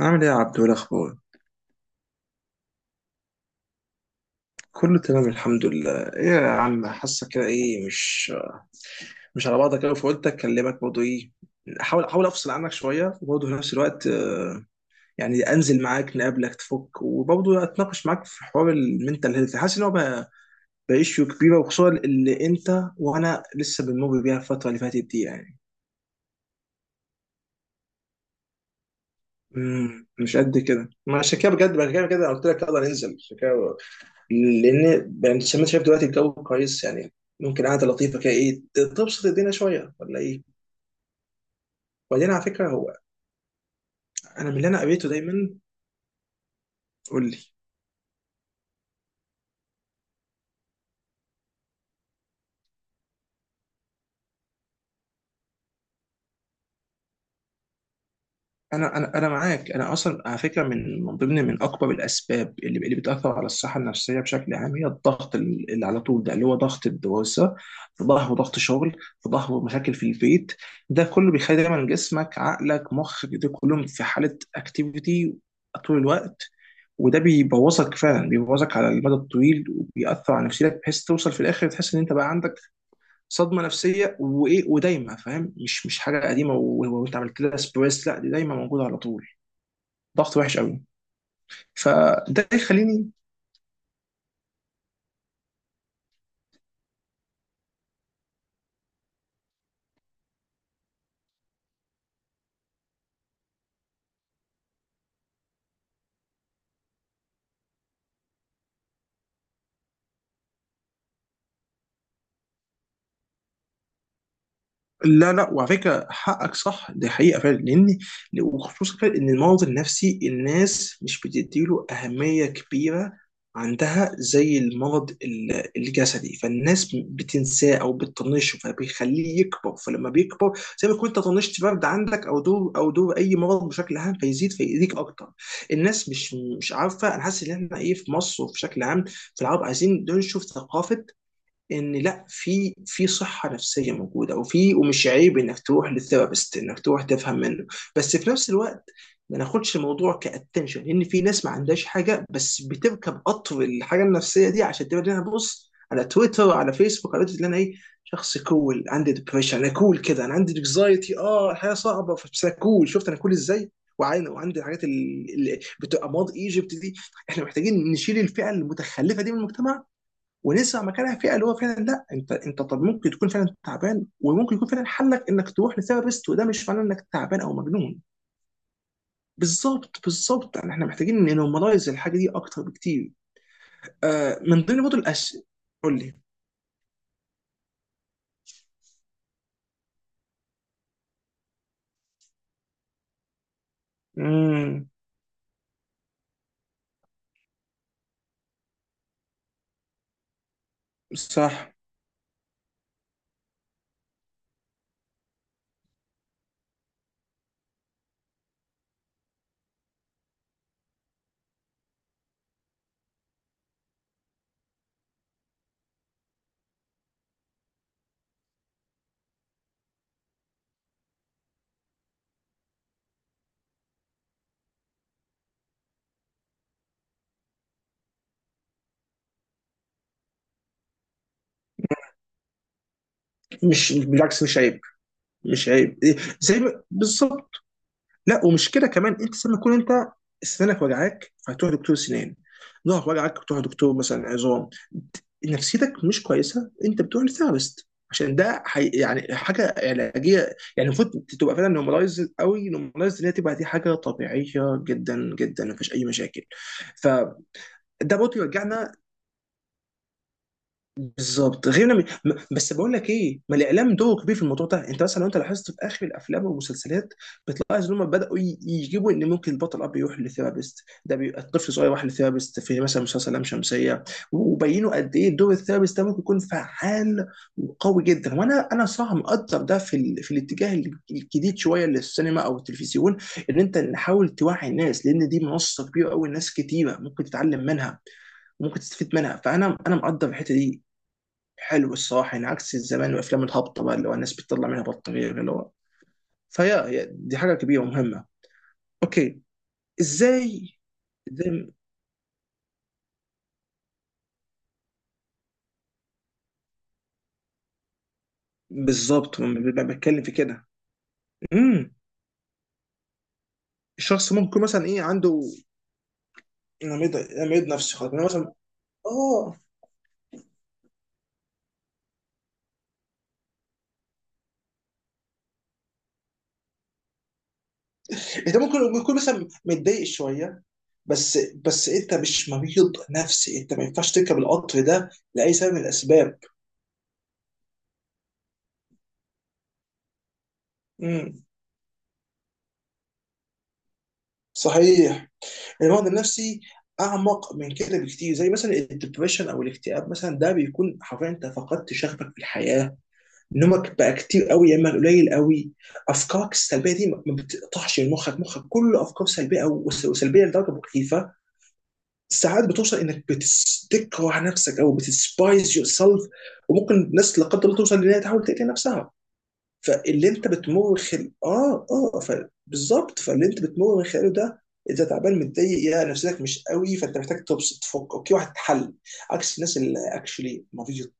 عامل ايه يا عبدو؟ إيه الاخبار؟ كله تمام، الحمد لله. ايه يا عم، حاسه كده ايه، مش على بعضك قوي، فقلت اكلمك برضه. ايه، احاول افصل عنك شويه، وبرضه في نفس الوقت يعني انزل معاك نقابلك تفك، وبرضه اتناقش معاك في حوار المنتال هيلث. حاسس ان هو بقى issue كبيره، وخصوصا اللي انت وانا لسه بنمر بيها الفتره اللي فاتت دي يعني. مش قد كده، ما عشان كده بجد، عشان كده بجد أنا قلت لك يلا ننزل. عشان كده، لان يعني زي ما انت شايف دلوقتي الجو كويس، يعني ممكن قعده لطيفه كده، ايه، تبسط الدنيا شويه ولا ايه؟ وبعدين على فكره، هو انا من اللي انا قريته دايما، قول لي. انا معاك، انا اصلا على فكره من ضمن اكبر الاسباب اللي بتاثر على الصحه النفسيه بشكل عام هي الضغط، اللي على طول ده، اللي هو ضغط الدراسه، في ظهره ضغط شغل، في ظهره مشاكل في البيت. ده كله بيخلي دايما جسمك، عقلك، مخك، ده كلهم في حاله اكتيفيتي طول الوقت، وده بيبوظك، فعلا بيبوظك على المدى الطويل، وبيأثر على نفسيتك، بحيث توصل في الاخر تحس ان انت بقى عندك صدمه نفسيه وايه ودايمه، فاهم؟ مش حاجه قديمه وانت عملت لها سبريس، لا، دي دايما موجوده على طول. ضغط وحش قوي، فده يخليني. لا لا، وعلى فكره، حقك صح، دي حقيقه فعلا، لان وخصوصا فعلا ان المرض النفسي الناس مش بتديله اهميه كبيره عندها زي المرض الجسدي، فالناس بتنساه او بتطنشه فبيخليه يكبر، فلما بيكبر، زي ما كنت طنشت برد عندك او دور، اي مرض بشكل عام، فيزيد فيأذيك اكتر. الناس مش عارفه. انا حاسس ان احنا ايه، في مصر وفي شكل عام في العرب عايزين ننشر ثقافه ان لا، في صحه نفسيه موجوده، وفي ومش عيب انك تروح للثيرابيست، انك تروح تفهم منه. بس في نفس الوقت ما ناخدش الموضوع كاتنشن، لان في ناس ما عندهاش حاجه بس بتركب قطر الحاجه النفسيه دي عشان تبقى لها بص على تويتر، على فيسبوك، على تويتر، اللي انا ايه، شخص كول عندي ديبريشن، انا كول كده، انا عندي انكزايتي، اه الحياه صعبه بس انا كول، شفت انا كول ازاي، وعين وعندي الحاجات اللي بتبقى ماض ايجيبت دي. احنا محتاجين نشيل الفئه المتخلفه دي من المجتمع، ونسمع مكانها فئه اللي هو فعلا لا، انت طب ممكن تكون فعلا تعبان، وممكن يكون فعلا حلك انك تروح لثيرابيست، وده مش معناه انك تعبان او مجنون. بالظبط، بالظبط، يعني احنا محتاجين ننورماليز الحاجه دي اكتر بكتير. من ضمن برضه الأش، قول لي. امم صح، مش بالعكس، مش عيب، مش عيب، إيه، زي ما- بالظبط. لا، ومش كده كمان، انت لما تكون انت سنانك وجعاك فهتروح دكتور سنان، ظهرك وجعك بتروح دكتور مثلا عظام، نفسيتك مش كويسه انت بتروح لثيرابيست، عشان ده يعني حاجه علاجيه. يعني المفروض تبقى فعلا نورماليز قوي، نورماليز ان هي تبقى دي حاجه طبيعيه جدا جدا، مفيش اي مشاكل. فده برضه يرجعنا. بالظبط، غير م... م- بس بقول لك ايه، ما الاعلام دوره كبير في الموضوع ده. انت مثلا لو انت لاحظت في اخر الافلام والمسلسلات، بتلاحظ ان هم بداوا يجيبوا ان ممكن البطل اب يروح لثيرابيست، ده بيبقى الطفل صغير راح لثيرابيست في مثلا مسلسل لام شمسيه، وبينوا قد ايه دور الثيرابيست ده ممكن يكون فعال وقوي جدا، وانا صراحه مقدر ده في في الاتجاه الجديد شويه للسينما او التلفزيون، ان انت نحاول توعي الناس، لان دي منصه كبيره قوي، ناس كتيره ممكن تتعلم منها وممكن تستفيد منها، فانا مقدر الحته دي. حلو الصراحه، يعني عكس الزمان والافلام الهابطه بقى، اللي هو الناس بتطلع منها بطاريه، اللي هو فهي، دي حاجه كبيره ومهمه. اوكي. ازاي؟ ازاي؟ بالظبط، بتكلم في كده. امم الشخص ممكن يكون مثلا ايه عنده، أنا مريض، أنا مريض نفسي خالص، أنا مثلا. اه، انت ممكن يكون مثلا متضايق شويه، بس بس انت مش مريض نفسي، انت ما ينفعش تركب القطر ده لاي سبب من الاسباب. امم صحيح، المرض النفسي اعمق من كده بكتير، زي مثلا الدبريشن او الاكتئاب مثلا، ده بيكون حرفيا انت فقدت شغفك في الحياه، نومك بقى كتير قوي يا اما قليل قوي، افكارك السلبيه دي ما بتقطعش من مخك، مخك كله افكار سلبيه، وسلبيه لدرجه مخيفه، ساعات بتوصل انك تكره نفسك او بتسبايز يور سيلف، وممكن ناس لا قدر الله توصل لانها تحاول تقتل نفسها. فاللي انت بتمر خل... اه اه ف... بالظبط، فاللي انت بتمر من خلاله ده، اذا تعبان متضايق يا نفسيتك مش قوي، فانت محتاج تبسط تفك، اوكي، واحد حل، عكس الناس اللي اكشلي مريض،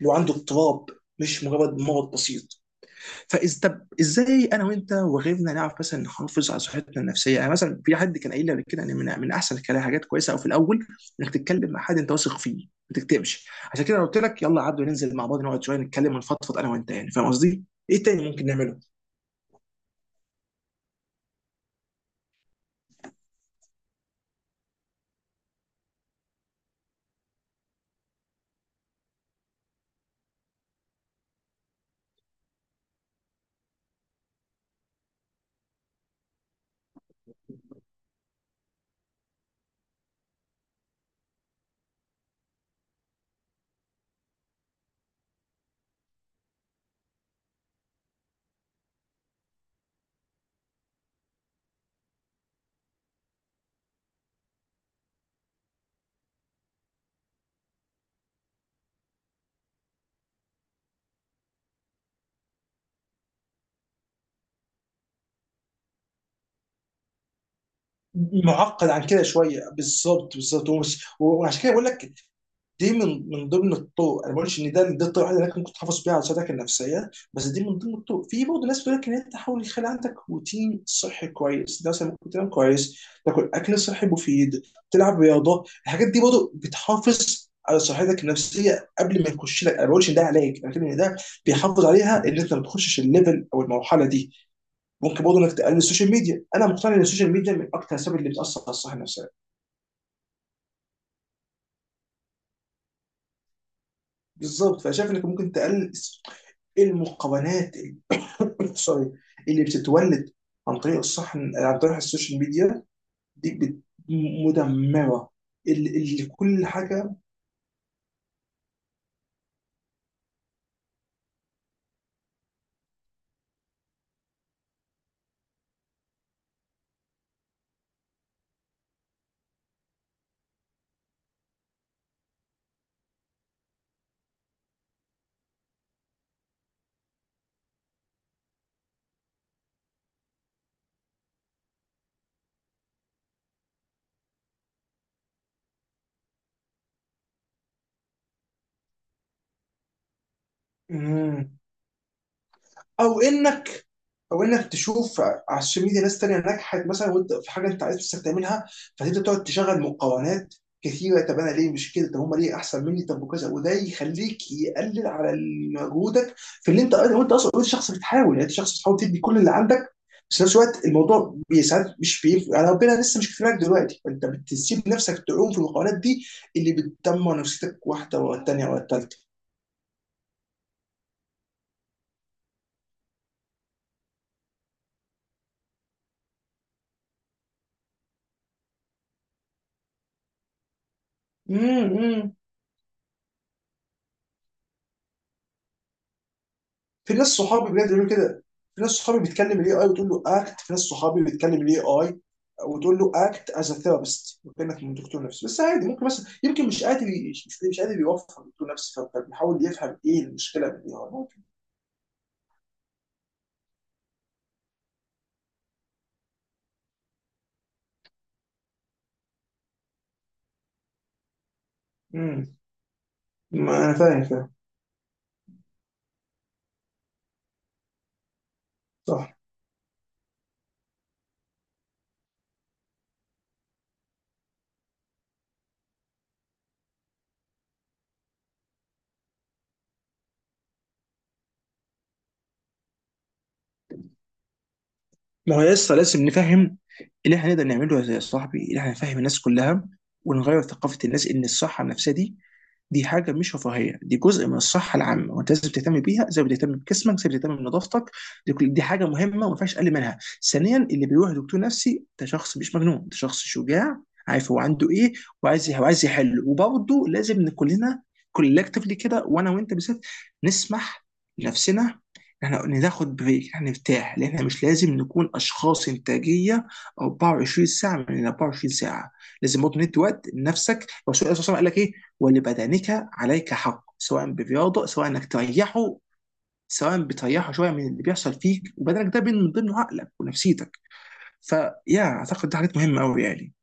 لو عنده اضطراب، مش مجرد مرض بسيط. فاذا، طب ازاي انا وانت وغيرنا نعرف مثلا نحافظ على صحتنا النفسيه؟ يعني مثلا في حد كان قايل لي قبل كده ان من احسن الكلام، حاجات كويسه، او في الاول انك تتكلم مع حد انت واثق فيه، ما تكتبش. عشان كده أنا قلت لك يلا عبده ننزل مع بعض نقعد شويه نتكلم ونفضفض انا وانت، يعني فاهم قصدي؟ ايه تاني ممكن نعمله؟ معقد عن كده شويه، بالظبط بالظبط، وعشان كده بقول لك دي من ضمن الطرق، انا ما بقولش ان ده الطريقه الوحيده اللي انت ممكن تحافظ بيها على صحتك النفسيه، بس دي من ضمن الطرق. في برضه ناس بتقول لك ان انت تحاول يخلي عندك روتين صحي كويس، ده مثلا ممكن تنام كويس، تاكل اكل صحي مفيد، تلعب رياضه، الحاجات دي برضه بتحافظ على صحتك النفسيه قبل ما يخش لك، انا ما بقولش ان ده علاج، انا بتكلم ان ده بيحافظ عليها ان انت ما تخشش الليفل او المرحله دي. ممكن برضه انك تقلل السوشيال ميديا، انا مقتنع ان السوشيال ميديا من اكتر الاسباب اللي بتاثر على الصحه النفسيه. بالظبط، فشايف انك ممكن تقلل المقارنات سوري، اللي بتتولد عن طريق عن طريق السوشيال ميديا، دي مدمره، اللي كل حاجه. مم. او انك، او انك تشوف على السوشيال ميديا ناس تانية نجحت مثلا وانت في حاجه انت عايز نفسك تعملها، فتبدا تقعد تشغل مقارنات كثيره. طب انا ليه مش كده؟ طب هم ليه احسن مني؟ طب وكذا، وده يخليك يقلل على مجهودك في اللي انت، وانت اصلا انت شخص بتحاول، يعني انت شخص بتحاول تدي كل اللي عندك، بس في نفس الوقت الموضوع ساعات مش بيف... يعني ربنا لسه مش كفاك دلوقتي، فانت بتسيب نفسك تعوم في المقارنات دي، اللي بتدمر نفسيتك واحده ورا الثانيه ورا الثالثه. في ناس صحابي بجد بيقولوا كده، في ناس صحابي بتكلم الاي اي وتقول له اكت، في ناس صحابي بتكلم الاي اي وتقول له اكت از ا ثيرابيست، وكانك من دكتور نفسي، بس عادي ممكن مثلا يمكن مش قادر يوفر دكتور نفسي، فبيحاول يفهم ايه المشكله من الاي اي ممكن. امم ما انا فاهم فاهم، صح، ما هو لسه لازم نفهم. اللي احنا نقدر نعمله يا صاحبي اللي احنا نفهم الناس كلها، ونغير ثقافة الناس، ان الصحة النفسية دي حاجة مش رفاهية، دي جزء من الصحة العامة، وانت لازم تهتم بيها زي ما بتهتم بجسمك، زي ما بتهتم بنظافتك، دي حاجة مهمة وما ينفعش اقل منها. ثانيا، اللي بيروح دكتور نفسي ده شخص مش مجنون، ده شخص شجاع، عارف هو عنده ايه، وعايز يحل. وبرضه لازم إن كلنا كولكتفلي كده، وانا وانت بالذات، نسمح لنفسنا، احنا قلنا ناخد بريك، احنا نرتاح، لان احنا مش لازم نكون اشخاص انتاجيه 24 ساعه من 24 ساعه، لازم برضه ندي وقت لنفسك. الرسول عليه الصلاه والسلام قال لك ايه؟ ولبدنك عليك حق، سواء برياضه، سواء انك تريحه، سواء بتريحه شويه من اللي بيحصل فيك، وبدنك ده من ضمنه عقلك ونفسيتك، فيا اعتقد ده حاجات مهمه قوي يعني.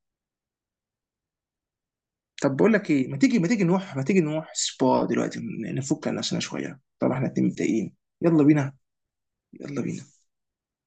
طب بقول لك ايه، ما تيجي نروح سبا دلوقتي، نفك عن نفسنا شويه، طبعا احنا اتنين متضايقين. يلا بينا، يلا بينا.